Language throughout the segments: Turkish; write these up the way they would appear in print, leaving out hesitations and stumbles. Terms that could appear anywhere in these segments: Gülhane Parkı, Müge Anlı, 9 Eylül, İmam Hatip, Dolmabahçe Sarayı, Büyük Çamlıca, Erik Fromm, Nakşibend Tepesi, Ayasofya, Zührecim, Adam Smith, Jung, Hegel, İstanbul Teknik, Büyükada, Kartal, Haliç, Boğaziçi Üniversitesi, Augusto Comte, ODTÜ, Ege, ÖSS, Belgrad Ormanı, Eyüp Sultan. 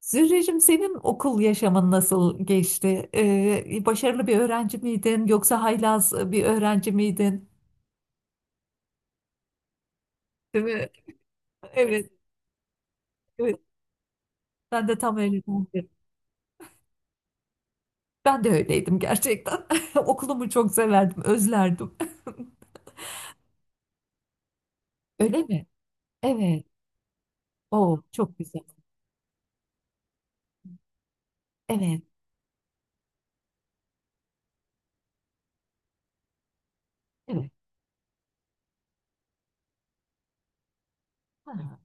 Zührecim senin okul yaşamın nasıl geçti? Başarılı bir öğrenci miydin yoksa haylaz bir öğrenci miydin? Değil mi? Evet, evet. Ben de tam öyle. Ben de öyleydim gerçekten. Okulumu çok severdim, özlerdim. Öyle mi? Evet. Oo, çok güzel. Evet, evet. Ha.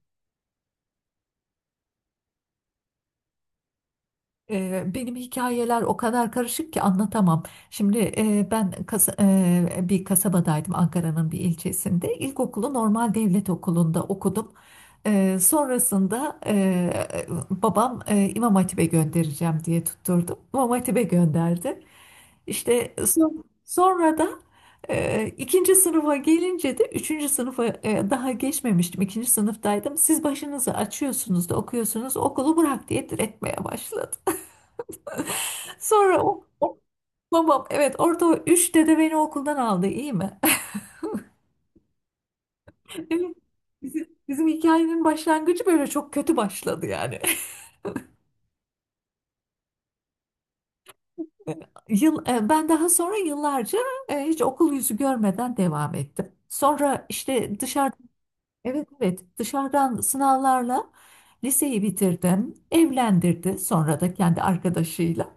Benim hikayeler o kadar karışık ki anlatamam. Şimdi ben bir kasabadaydım, Ankara'nın bir ilçesinde. İlkokulu normal devlet okulunda okudum. Sonrasında babam İmam Hatip'e göndereceğim diye tutturdum. İmam Hatip'e gönderdi. İşte sonra da ikinci sınıfa gelince de üçüncü sınıfa daha geçmemiştim. İkinci sınıftaydım. Siz başınızı açıyorsunuz da okuyorsunuz, okulu bırak diye diretmeye başladı. Sonra o babam, evet, orada o üç dede beni okuldan aldı, iyi mi? Evet, bizim hikayenin başlangıcı böyle çok kötü başladı yani. Ben daha sonra yıllarca hiç okul yüzü görmeden devam ettim. Sonra işte evet, evet, dışarıdan sınavlarla liseyi bitirdim. Evlendirdi sonra da kendi arkadaşıyla.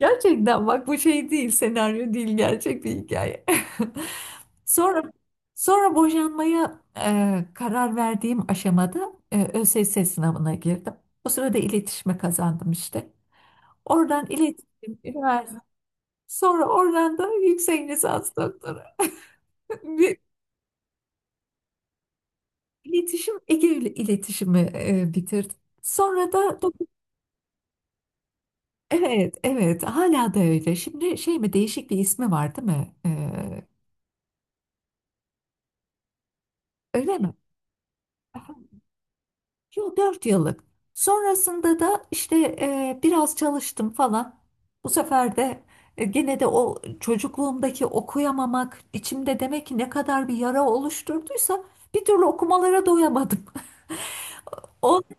Gerçekten bak, bu şey değil, senaryo değil, gerçek bir hikaye. Sonra sonra boşanmaya karar verdiğim aşamada ÖSS sınavına girdim. O sırada iletişime kazandım işte. Oradan iletişim, üniversite. Sonra oradan da yüksek lisans, doktora. Bir Ege ile iletişimi bitirdim. Sonra da evet, evet, hala da öyle. Şimdi şey mi, değişik bir ismi var değil mi? Öyle mi? Yo, 4 yıllık. Sonrasında da işte biraz çalıştım falan. Bu sefer de gene de o çocukluğumdaki okuyamamak içimde demek ki ne kadar bir yara oluşturduysa, bir türlü okumalara doyamadım. Ondan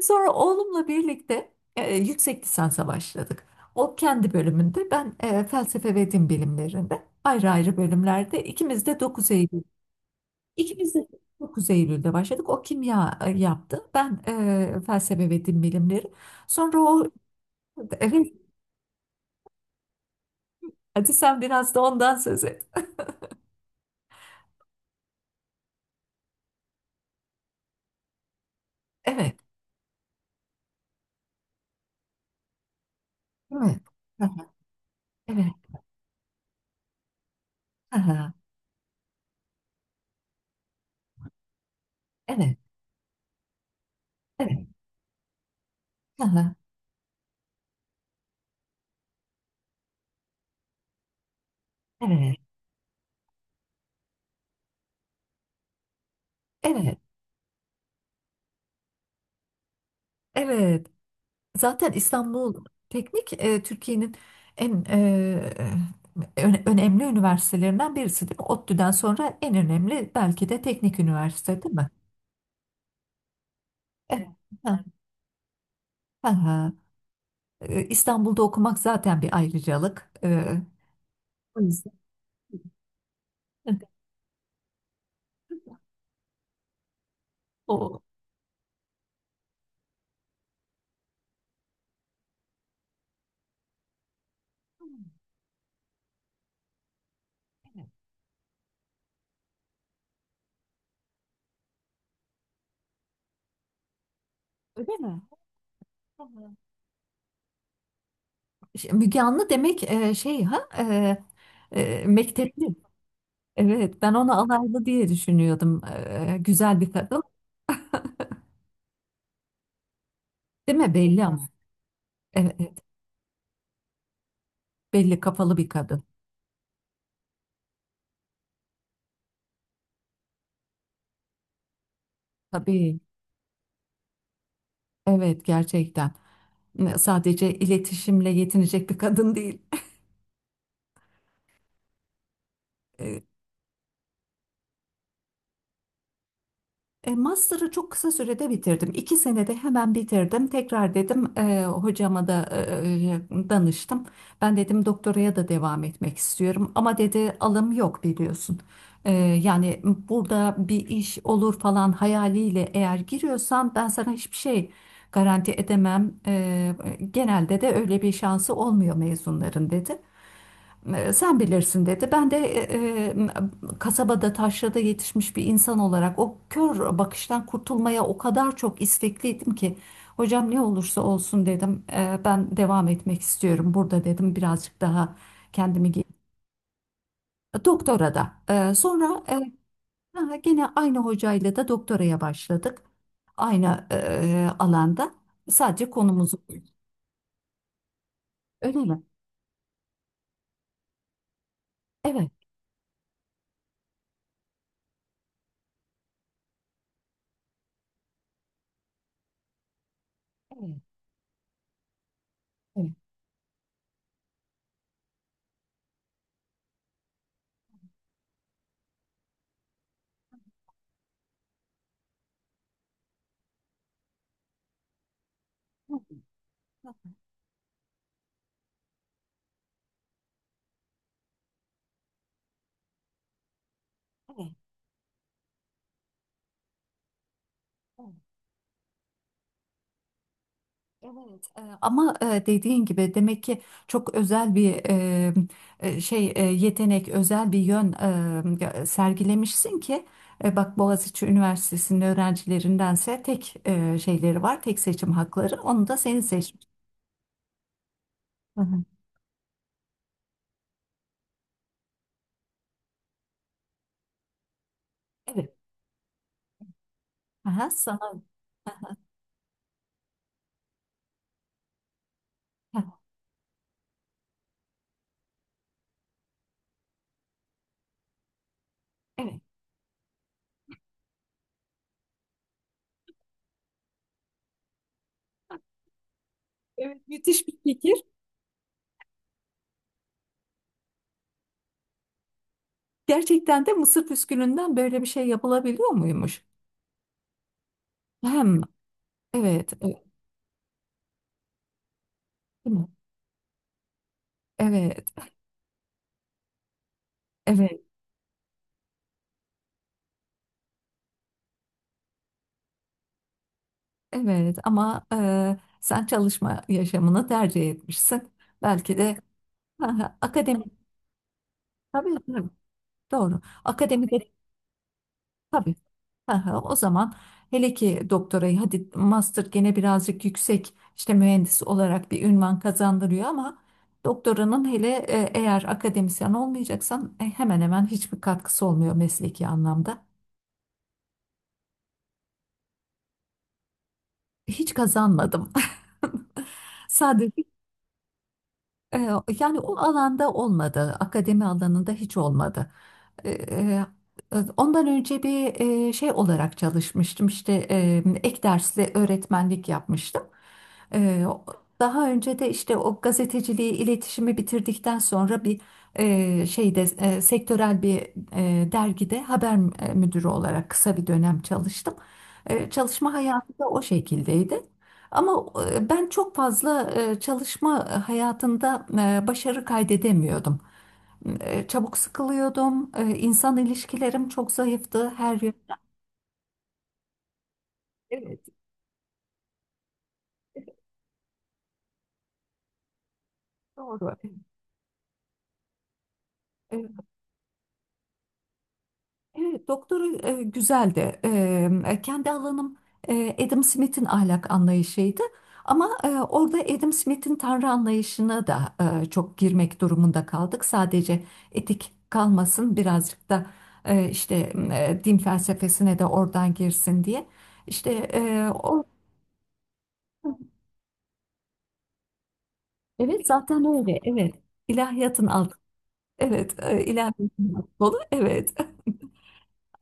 sonra oğlumla birlikte yüksek lisansa başladık. O kendi bölümünde, ben felsefe ve din bilimlerinde, ayrı ayrı bölümlerde İkimiz de 9 Eylül'de başladık. O kimya yaptı. Ben felsefe ve din bilimleri. Sonra evet, hadi sen biraz da ondan söz et. Evet. Değil mi? Hı. Evet. Hı. Evet. Evet. Hı. Evet. Evet. Evet. Zaten İstanbul Teknik Türkiye'nin en önemli üniversitelerinden birisi değil mi? ODTÜ'den sonra en önemli belki de teknik üniversite değil mi? Evet. Hı, hı hı. İstanbul'da okumak zaten bir ayrıcalık. O yüzden o şey, Müge Anlı demek şey, ha, mektepli. Evet, ben onu alaylı diye düşünüyordum. Güzel bir kadın. Değil mi? Belli ama. Evet, evet. Belli kafalı bir kadın. Tabii. Evet, gerçekten. Sadece iletişimle yetinecek bir kadın değil. Master'ı çok kısa sürede bitirdim. İki senede hemen bitirdim. Tekrar dedim hocama da danıştım. Ben dedim, doktoraya da devam etmek istiyorum. Ama dedi, alım yok, biliyorsun. Yani, burada bir iş olur falan hayaliyle eğer giriyorsan, ben sana hiçbir şey garanti edemem. Genelde de öyle bir şansı olmuyor mezunların, dedi. Sen bilirsin, dedi. Ben de kasabada, taşrada yetişmiş bir insan olarak, o kör bakıştan kurtulmaya o kadar çok istekliydim ki, hocam ne olursa olsun dedim. Ben devam etmek istiyorum burada dedim. Birazcık daha kendimi ge- doktora da. Sonra ha, gene aynı hocayla da doktoraya başladık. Aynı alanda. Sadece konumuzu öyle mi? Evet. Evet, ama dediğin gibi demek ki çok özel bir şey, yetenek, özel bir yön sergilemişsin ki bak, Boğaziçi Üniversitesi'nin öğrencilerindense tek şeyleri var, tek seçim hakları. Onu da senin seçmiş. Hı hı. Evet. Aha, sana. Heh, evet. Evet, müthiş bir fikir. Gerçekten de mısır püskülünden böyle bir şey yapılabiliyor muymuş? Hem evet, evet, değil mi? Evet, evet. Evet ama sen çalışma yaşamını tercih etmişsin. Belki de ha, ha, akademik, tabii tabii, doğru. Akademik, tabii. Ha, ha, o zaman hele ki doktorayı, hadi master gene birazcık yüksek, işte mühendis olarak bir ünvan kazandırıyor ama doktoranın, hele eğer akademisyen olmayacaksan, hemen hemen hiçbir katkısı olmuyor mesleki anlamda. Hiç kazanmadım. Sadece E, Yani o alanda olmadı, akademi alanında hiç olmadı. E, e, Ondan önce bir şey olarak çalışmıştım, işte ek dersli öğretmenlik yapmıştım. E, Daha önce de işte o gazeteciliği, iletişimi bitirdikten sonra bir şeyde, sektörel bir dergide haber müdürü olarak kısa bir dönem çalıştım. Çalışma hayatı da o şekildeydi. Ama ben çok fazla çalışma hayatında başarı kaydedemiyordum. Çabuk sıkılıyordum. İnsan ilişkilerim çok zayıftı her yön. Evet, doğru. Evet. Evet, doktoru güzeldi. Kendi alanım Adam Smith'in ahlak anlayışıydı. Ama orada Adam Smith'in tanrı anlayışına da çok girmek durumunda kaldık. Sadece etik kalmasın, birazcık da işte din felsefesine de oradan girsin diye. İşte o, evet, zaten öyle. Evet. ilahiyatın altı. Evet, ilahiyatın altı dolu. Evet.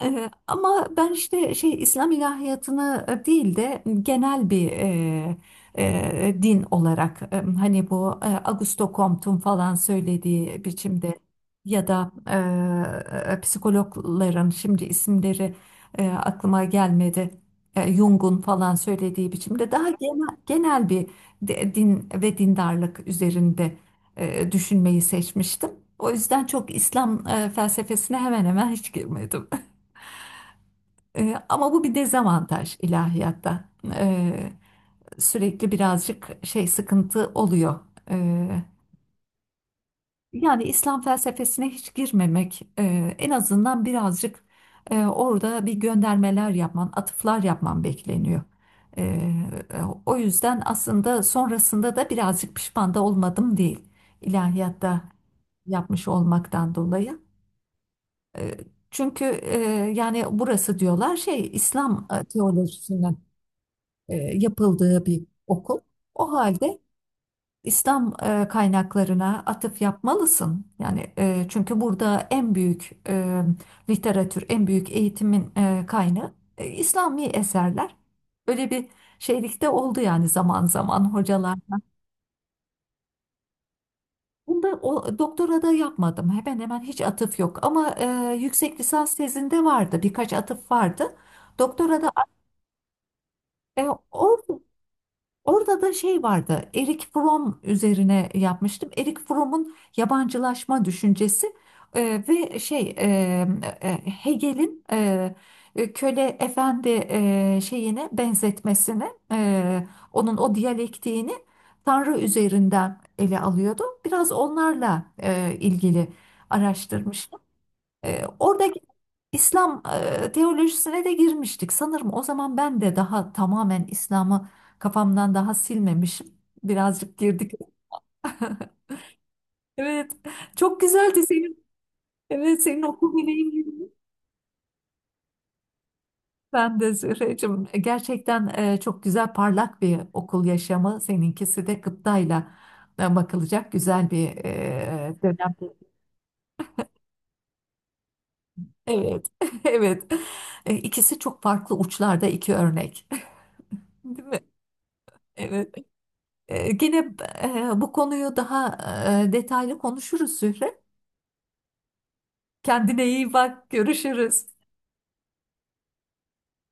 Ama ben işte şey, İslam ilahiyatını değil de genel bir din olarak, hani bu Augusto Comte'un falan söylediği biçimde, ya da psikologların şimdi isimleri aklıma gelmedi. Jung'un falan söylediği biçimde, daha genel, genel bir din ve dindarlık üzerinde düşünmeyi seçmiştim. O yüzden çok İslam felsefesine hemen hemen hiç girmedim. Ama bu bir dezavantaj ilahiyatta. Ee, Sürekli birazcık şey, sıkıntı oluyor. Ee, Yani İslam felsefesine hiç girmemek, en azından birazcık orada bir göndermeler yapman, atıflar yapman bekleniyor. Ee, O yüzden aslında sonrasında da birazcık pişman da olmadım değil ilahiyatta yapmış olmaktan dolayı. Ee, Çünkü yani burası diyorlar şey, İslam teolojisinden yapıldığı bir okul. O halde İslam kaynaklarına atıf yapmalısın. Yani çünkü burada en büyük literatür, en büyük eğitimin kaynağı İslami eserler. Öyle bir şeylikte oldu yani zaman zaman hocalar. Bunda o, doktora da yapmadım. Hemen hemen hiç atıf yok. Ama yüksek lisans tezinde vardı. Birkaç atıf vardı. Doktora da e, orada Orada da şey vardı. Erik Fromm üzerine yapmıştım. Erik Fromm'un yabancılaşma düşüncesi ve şey, Hegel'in köle efendi şeyine benzetmesini, e, onun o diyalektiğini Tanrı üzerinden ele alıyordu. Biraz onlarla ilgili araştırmıştım. Orada İslam teolojisine de girmiştik. Sanırım o zaman ben de daha tamamen İslam'ı kafamdan daha silmemişim. Birazcık girdik. Evet, çok güzeldi senin. Evet, senin okul deneyimin. Ben de Zühreciğim. Gerçekten çok güzel, parlak bir okul yaşamı. Seninkisi de gıptayla bakılacak güzel bir dönem. Evet, evet. İkisi çok farklı uçlarda iki örnek. Değil mi? Evet. Gene bu konuyu daha detaylı konuşuruz, Zühre. Kendine iyi bak, görüşürüz.